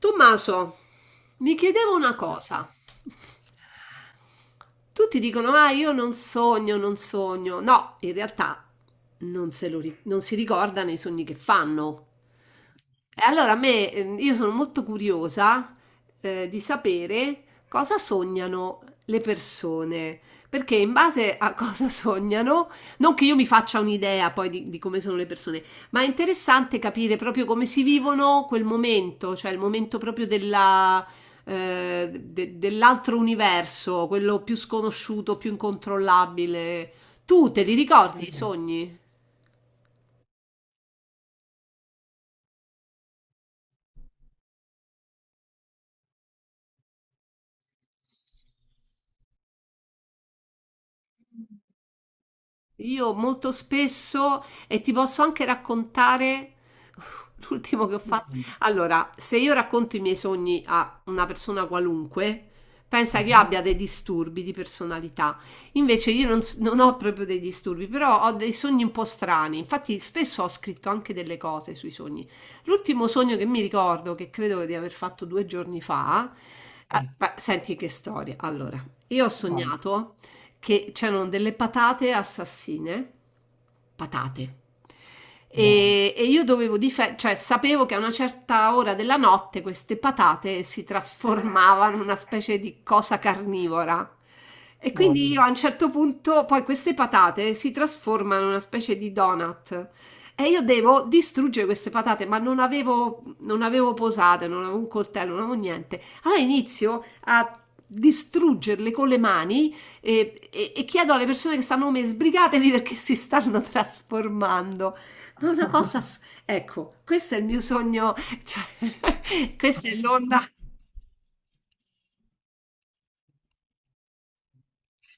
Tommaso, mi chiedevo una cosa. Tutti dicono, ah, io non sogno, non sogno. No, in realtà non, se lo ri- non si ricordano i sogni che fanno. E allora a me, io sono molto curiosa, di sapere cosa sognano le persone, perché in base a cosa sognano, non che io mi faccia un'idea poi di come sono le persone, ma è interessante capire proprio come si vivono quel momento, cioè il momento proprio dell'altro universo, quello più sconosciuto, più incontrollabile. Tu te li ricordi i sogni? Io molto spesso, e ti posso anche raccontare uh, l'ultimo che ho fatto. Allora, se io racconto i miei sogni a una persona qualunque, pensa che abbia dei disturbi di personalità. Invece io non, s- non ho proprio dei disturbi, però ho dei sogni un po' strani. Infatti spesso ho scritto anche delle cose sui sogni. L'ultimo sogno che mi ricordo, che credo di aver fatto due giorni fa, Mm. beh, senti che storia. Allora, io ho Vai. Sognato che c'erano delle patate assassine, patate. E io dovevo difendere, cioè sapevo che a una certa ora della notte queste patate si trasformavano in una specie di cosa carnivora. E quindi io a un certo punto, poi queste patate si trasformano in una specie di donut. E io devo distruggere queste patate, ma non avevo posate, non avevo un coltello, non avevo niente. Allora inizio a distruggerle con le mani e, e chiedo alle persone che stanno come me, sbrigatevi perché si stanno trasformando. Ma è una cosa... ass- Ecco, questo è il mio sogno, cioè, questa è l'onda.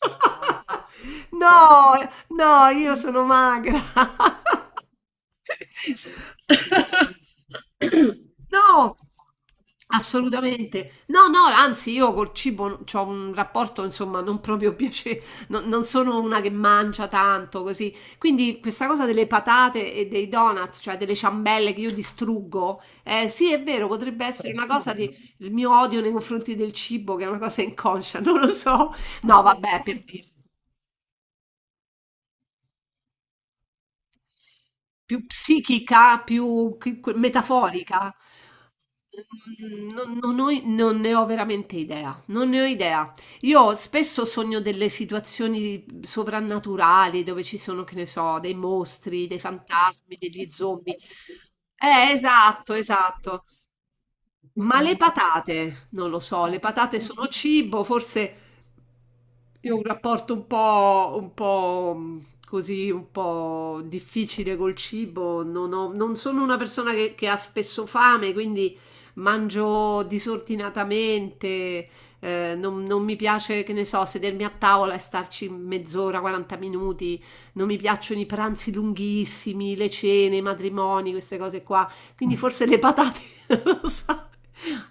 No, no, io sono magra. No, assolutamente. No, no, anzi io col cibo ho un rapporto, insomma, non proprio piacevole, non sono una che mangia tanto così. Quindi questa cosa delle patate e dei donuts, cioè delle ciambelle che io distruggo, sì, è vero, potrebbe essere una cosa di il mio odio nei confronti del cibo, che è una cosa inconscia, non lo so. No, vabbè, per dire. Più psichica, più chi que metaforica? Mhmm, non ne ho veramente idea, non ne ho idea. Io spesso sogno delle situazioni sovrannaturali dove ci sono, che ne so, dei mostri, dei fantasmi, degli zombie. Esatto, esatto. Ma le patate, non lo so, le patate sono cibo, forse io ho un rapporto un po', così, un po' difficile col cibo, non sono una persona che ha spesso fame, quindi mangio disordinatamente, non mi piace, che ne so, sedermi a tavola e starci mezz'ora, 40 minuti, non mi piacciono i pranzi lunghissimi, le cene, i matrimoni, queste cose qua. Quindi forse le patate, non lo so.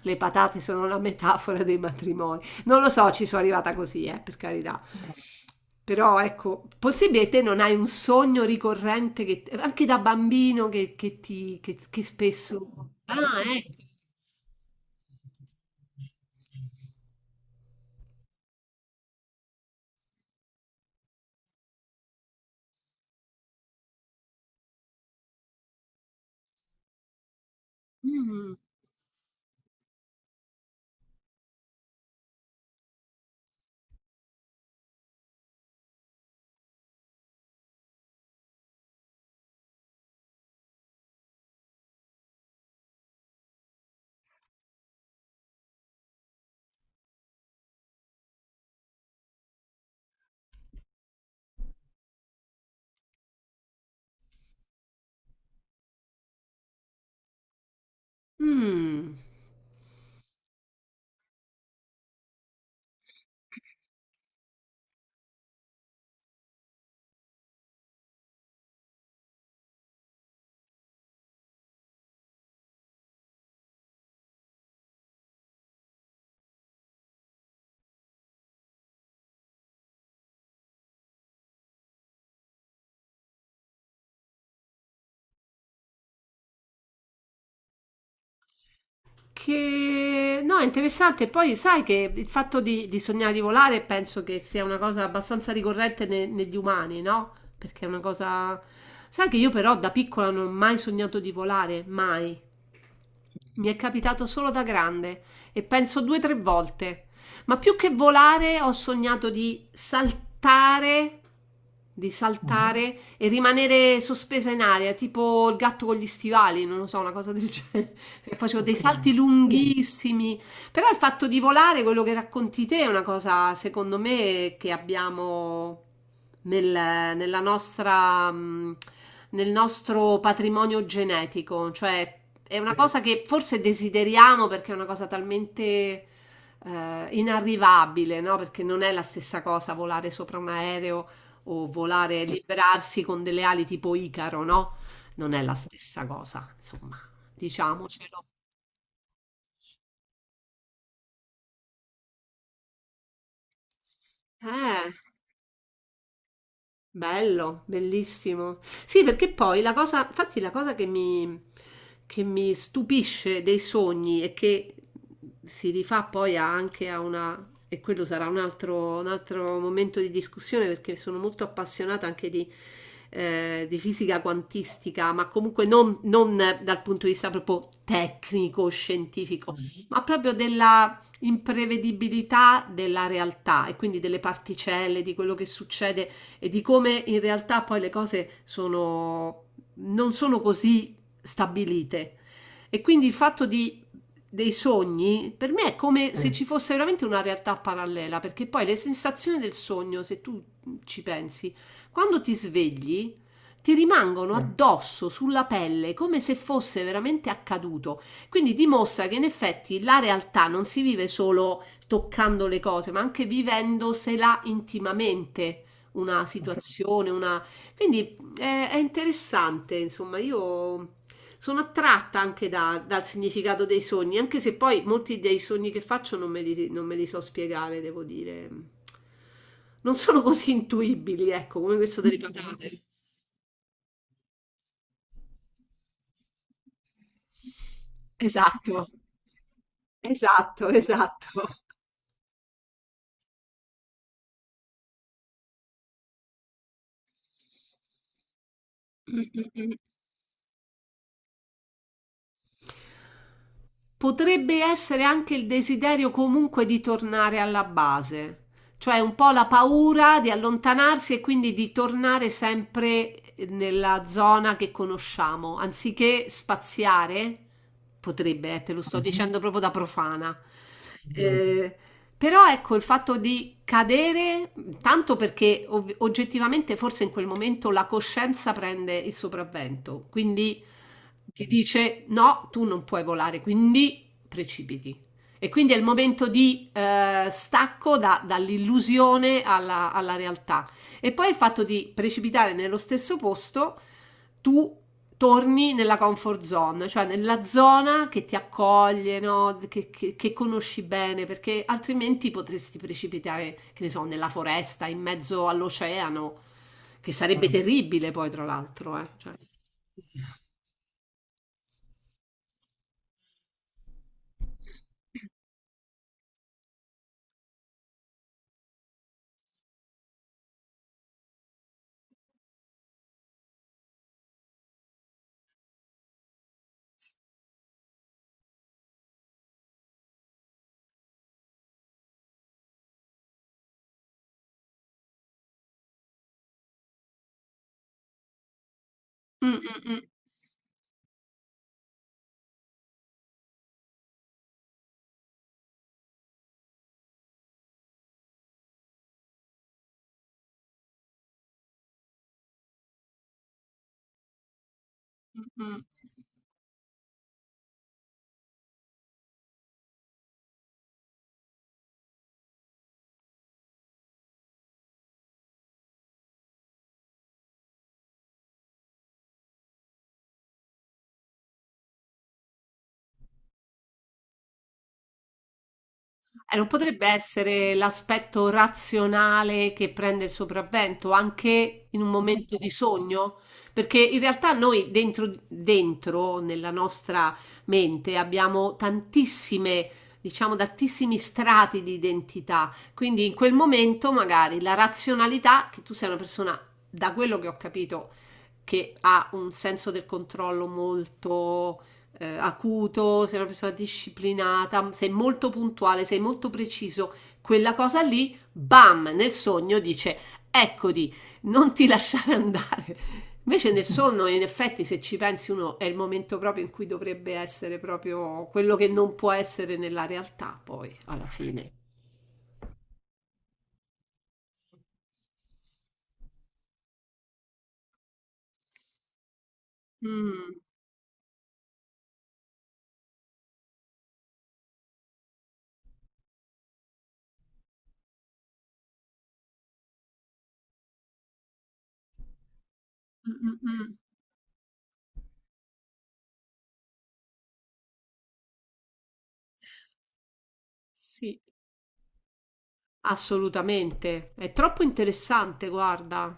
Le patate sono la metafora dei matrimoni. Non lo so, ci sono arrivata così, per carità. Però ecco, possibile te non hai un sogno ricorrente che, anche da bambino che spesso. Ah, ecco. Mm, mm. Che no, è interessante. Poi sai che il fatto di sognare di volare penso che sia una cosa abbastanza ricorrente negli umani, no? Perché è una cosa. Sai che io però da piccola non ho mai sognato di volare, mai. Mi è capitato solo da grande e penso due o tre volte. Ma più che volare ho sognato di saltare, e rimanere sospesa in aria, tipo il gatto con gli stivali, non lo so, una cosa del genere. Facevo dei salti lunghissimi, però il fatto di volare, quello che racconti te, è una cosa, secondo me, che abbiamo nel, nella nostra, nel nostro patrimonio genetico. Cioè, è una cosa che forse desideriamo perché è una cosa talmente inarrivabile, no? Perché non è la stessa cosa volare sopra un aereo o volare, liberarsi con delle ali tipo Icaro, no? Non è la stessa cosa, insomma, diciamocelo. Eh. Bello, bellissimo. Sì, perché poi la cosa, infatti la cosa che mi stupisce dei sogni e che si rifà poi anche a una, e quello sarà un altro momento di discussione perché sono molto appassionata anche di fisica quantistica, ma comunque non dal punto di vista proprio tecnico, scientifico, ma proprio della imprevedibilità della realtà e quindi delle particelle, di quello che succede e di come in realtà poi le cose sono, non sono così stabilite. E quindi dei sogni per me è come se ci fosse veramente una realtà parallela, perché poi le sensazioni del sogno, se tu ci pensi, quando ti svegli, ti rimangono addosso sulla pelle come se fosse veramente accaduto. Quindi dimostra che in effetti la realtà non si vive solo toccando le cose, ma anche vivendosela intimamente una situazione, una... Quindi è interessante, insomma, io sono attratta anche dal significato dei sogni, anche se poi molti dei sogni che faccio non me li so spiegare, devo dire. Non sono così intuibili, ecco, come questo delle patate. Esatto. Potrebbe essere anche il desiderio comunque di tornare alla base, cioè un po' la paura di allontanarsi e quindi di tornare sempre nella zona che conosciamo, anziché spaziare, potrebbe, te lo sto dicendo proprio da profana. Eh, però ecco il fatto di cadere, tanto perché oggettivamente forse in quel momento la coscienza prende il sopravvento, quindi ti dice no, tu non puoi volare, quindi precipiti. E quindi è il momento di stacco dall'illusione alla realtà. E poi il fatto di precipitare nello stesso posto, tu torni nella comfort zone, cioè nella zona che ti accoglie, no? Che conosci bene, perché altrimenti potresti precipitare, che ne so, nella foresta, in mezzo all'oceano, che sarebbe terribile poi, tra l'altro, eh. Cioè, mm, mm, mm, mm. Non potrebbe essere l'aspetto razionale che prende il sopravvento anche in un momento di sogno? Perché in realtà noi dentro nella nostra mente abbiamo tantissime, diciamo, tantissimi strati di identità. Quindi in quel momento magari la razionalità, che tu sei una persona, da quello che ho capito, che ha un senso del controllo molto acuto, sei una persona disciplinata, sei molto puntuale, sei molto preciso, quella cosa lì, bam, nel sogno dice, eccoti, non ti lasciare andare. Invece nel sonno, in effetti, se ci pensi uno, è il momento proprio in cui dovrebbe essere proprio quello che non può essere nella realtà, poi, alla fine. Mm, sì, assolutamente. È troppo interessante, guarda.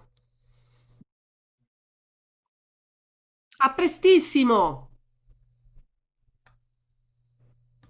A prestissimo!